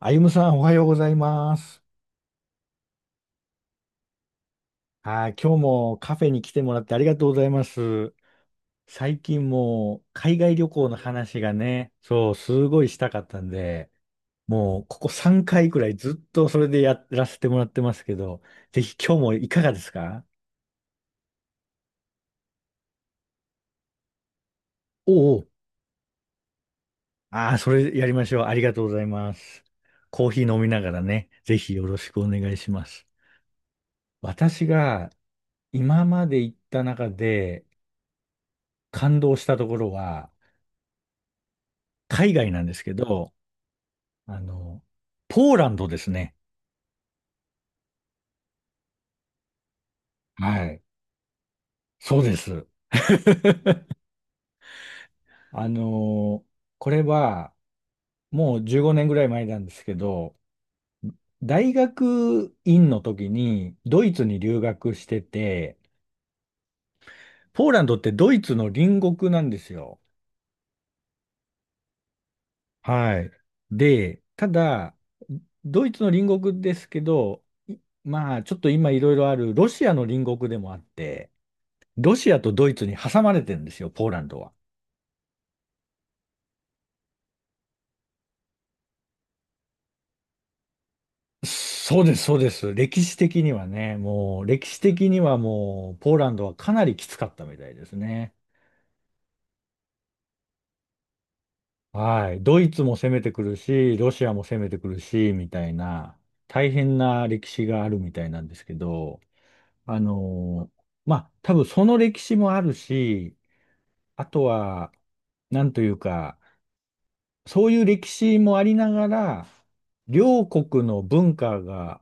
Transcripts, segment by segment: あゆむさん、おはようございます。はい、今日もカフェに来てもらってありがとうございます。最近もう海外旅行の話がね、そう、すごいしたかったんで、もうここ3回くらいずっとそれでやらせてもらってますけど、ぜひ今日もいかがですか。おうおう。ああ、それやりましょう。ありがとうございます。コーヒー飲みながらね、ぜひよろしくお願いします。私が今まで行った中で感動したところは、海外なんですけど、あの、ポーランドですね。はい。そうです。あの、これはもう15年ぐらい前なんですけど、大学院の時にドイツに留学してて、ポーランドってドイツの隣国なんですよ。はい。で、ただ、ドイツの隣国ですけど、いちょっと今いろいろあるロシアの隣国でもあって、ロシアとドイツに挟まれてるんですよ、ポーランドは。そうです、そうです。歴史的にはね、もう、歴史的にはもう、ポーランドはかなりきつかったみたいですね。はい。ドイツも攻めてくるし、ロシアも攻めてくるし、みたいな、大変な歴史があるみたいなんですけど、まあ、多分その歴史もあるし、あとは、なんというか、そういう歴史もありながら、両国の文化が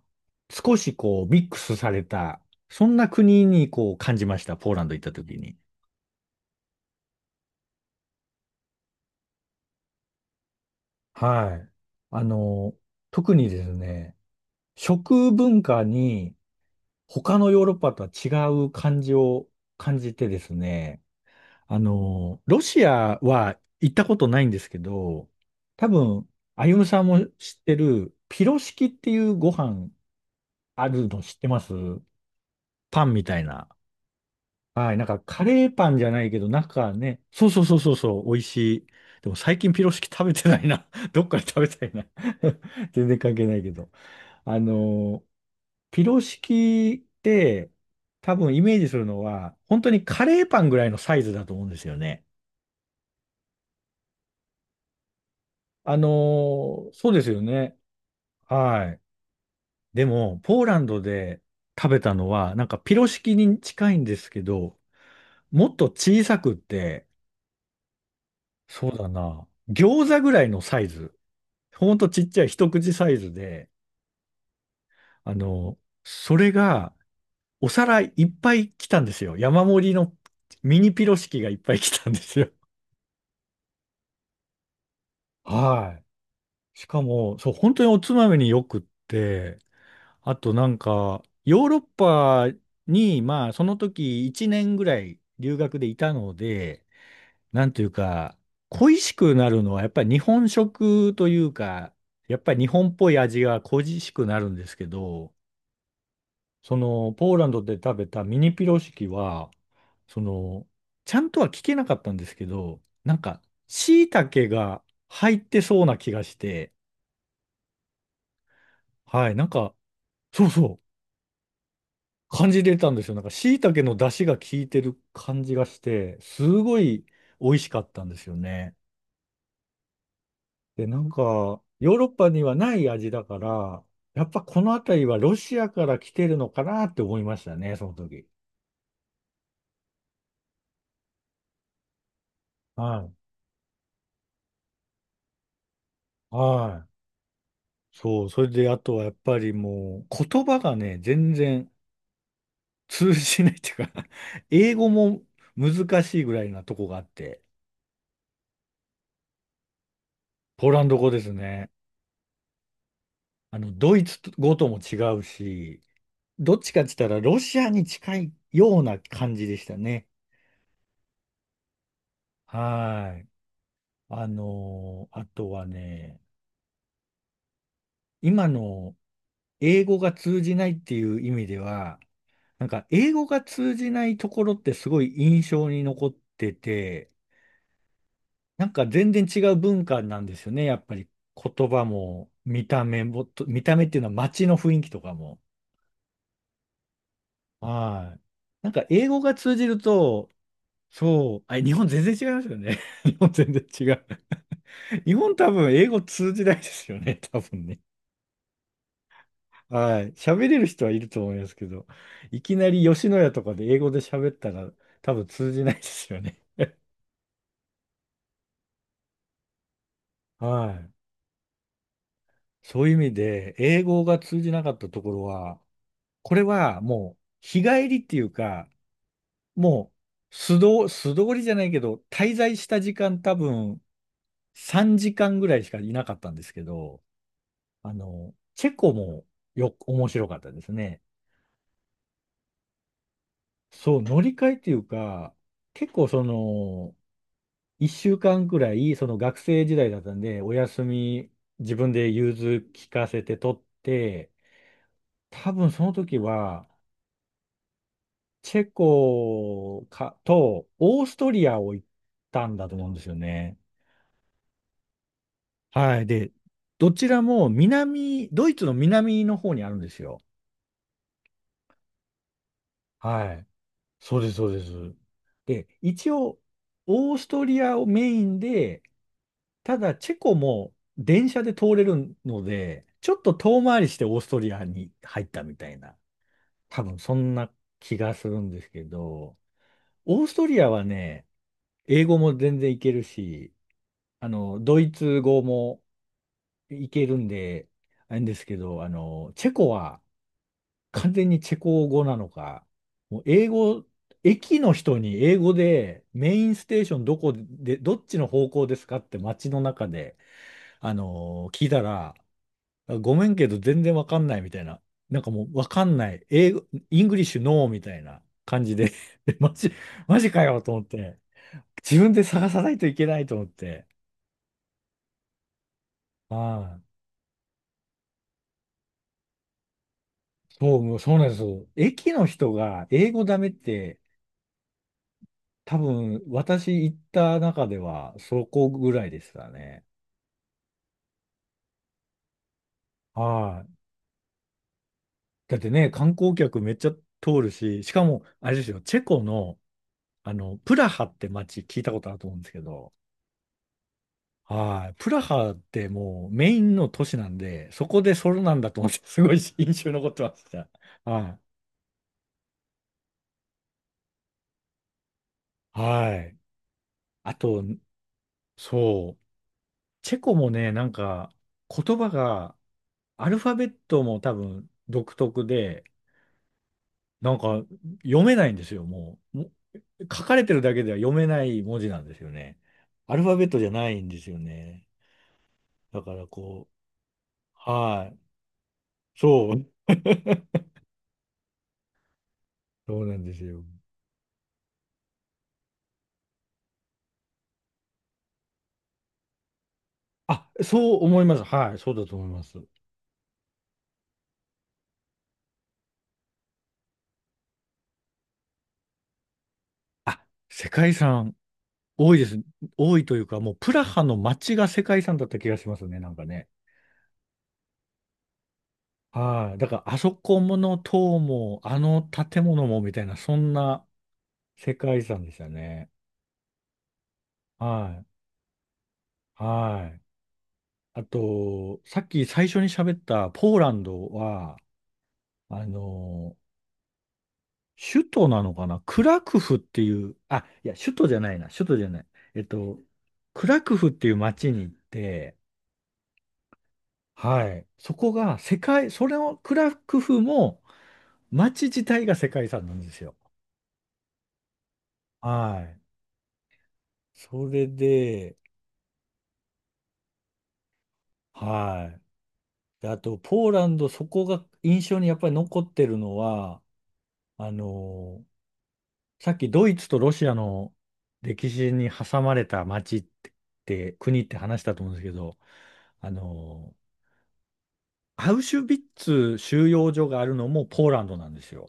少しこうミックスされた、そんな国にこう感じました、ポーランド行った時に。はい。あの、特にですね、食文化に他のヨーロッパとは違う感じを感じてですね、ロシアは行ったことないんですけど、多分、あゆむさんも知ってる、ピロシキっていうご飯あるの知ってますパンみたいな。はい。なんか、カレーパンじゃないけど、中ね。そうそうそうそうそう、美味しい。でも最近ピロシキ食べてないな。どっかで食べたいな。 全然関係ないけど、あのー、ピロシキって、多分イメージするのは、本当にカレーパンぐらいのサイズだと思うんですよね。あのそうですよね。はい。でも、ポーランドで食べたのは、なんかピロシキに近いんですけど、もっと小さくって、そうだな。餃子ぐらいのサイズ。ほんとちっちゃい一口サイズで、あの、それがお皿いっぱい来たんですよ。山盛りのミニピロシキがいっぱい来たんですよ。はい。しかも、そう、本当におつまみによくって、あとなんか、ヨーロッパに、まあ、その時1年ぐらい留学でいたので、なんというか、恋しくなるのはやっぱり日本食というか、やっぱり日本っぽい味が恋しくなるんですけど、そのポーランドで食べたミニピロシキは、その、ちゃんとは聞けなかったんですけど、なんか、椎茸が入ってそうな気がして、はい、なんか、そうそう、感じれたんですよ。なんか、椎茸の出汁が効いてる感じがして、すごい美味しかったんですよね。で、なんか、ヨーロッパにはない味だから、やっぱこの辺りはロシアから来てるのかなって思いましたね、その時。はい。はい。そう、それであとはやっぱりもう、言葉がね、全然通じないっていうか 英語も難しいぐらいなとこがあって、ポーランド語ですね。ドイツ語とも違うし、どっちかって言ったらロシアに近いような感じでしたね。はい。あとはね、今の英語が通じないっていう意味では、なんか英語が通じないところってすごい印象に残ってて、なんか全然違う文化なんですよね。やっぱり言葉も見た目もと、見た目っていうのは街の雰囲気とかも。はい。なんか英語が通じると、そう、あ、日本全然違いますよね。日本全然違う。日本多分英語通じないですよね。多分ね。はい。喋れる人はいると思いますけど、いきなり吉野家とかで英語で喋ったら多分通じないですよね。はい。そういう意味で、英語が通じなかったところは、これはもう日帰りっていうか、もう素通、素通りじゃないけど、滞在した時間多分3時間ぐらいしかいなかったんですけど、チェコもよ、面白かったですね。そう、乗り換えっていうか、結構その、一週間くらい、その学生時代だったんで、お休み自分で融通聞かせて取って、多分その時は、チェコかとオーストリアを行ったんだと思うんですよね。はい。で、どちらも南、ドイツの南の方にあるんですよ。はい。そうです、そうです。で、一応、オーストリアをメインで、ただ、チェコも電車で通れるので、ちょっと遠回りしてオーストリアに入ったみたいな、多分そんな気がするんですけど、オーストリアはね、英語も全然いけるし、ドイツ語もいけるんで、あれですけど、チェコは完全にチェコ語なのか、もう英語、駅の人に英語でメインステーションどこで、どっちの方向ですかって街の中で、聞いたら、あごめんけど全然わかんないみたいな。なんかもうわかんない。英語、イングリッシュノーみたいな感じで でマジ、マジかよと思って。自分で探さないといけないと思って。ああ、そう、もうそうなんですよ。駅の人が英語ダメって、多分私行った中ではそこぐらいでしたね。はい。だってね、観光客めっちゃ通るし、しかも、あれですよ、チェコの、プラハって街聞いたことあると思うんですけど、はい。プラハってもうメインの都市なんで、そこでソロなんだと思って、すごい印象に残ってました。はい。はい。あと、そう。チェコもね、なんか、言葉が、アルファベットも多分独特で、なんか読めないんですよ、もう。も書かれてるだけでは読めない文字なんですよね。アルファベットじゃないんですよね。だからこう、はい。そう。そうなんですよ。あ、そう思います。はい。そうだと思います。あ、世界遺産多いです。多いというか、もうプラハの街が世界遺産だった気がしますね、なんかね。はい。だから、あそこもの塔も、あの建物もみたいな、そんな世界遺産でしたね。はい。はい。あと、さっき最初に喋ったポーランドは、あの、首都なのかなクラクフっていう、あ、いや、首都じゃないな、首都じゃない。えっと、クラクフっていう街に行って、はい。そこが世界、それをクラクフも街自体が世界遺産なんですよ。はい。それで、はい。であと、ポーランド、そこが印象にやっぱり残ってるのは、あのーさっきドイツとロシアの歴史に挟まれた街って、国って話したと思うんですけど、あのーアウシュビッツ収容所があるのもポーランドなんですよ。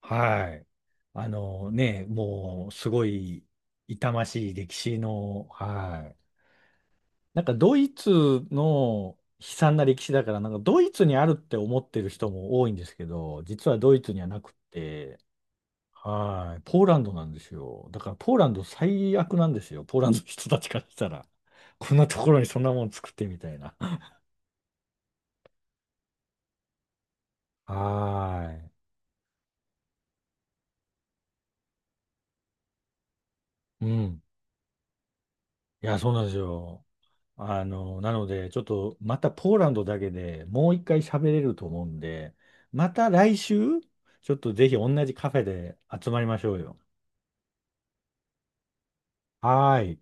はい。あのね、もうすごい痛ましい歴史の、はい。なんかドイツの悲惨な歴史だから、なんかドイツにあるって思ってる人も多いんですけど、実はドイツにはなくって、はい。ポーランドなんですよ。だからポーランド最悪なんですよ。ポーランドの人たちからしたら。こんなところにそんなもん作ってみたいな。はい。うん。いや、そうなんですよ。なので、ちょっとまたポーランドだけでもう一回喋れると思うんで、また来週、ちょっとぜひ同じカフェで集まりましょうよ。はーい。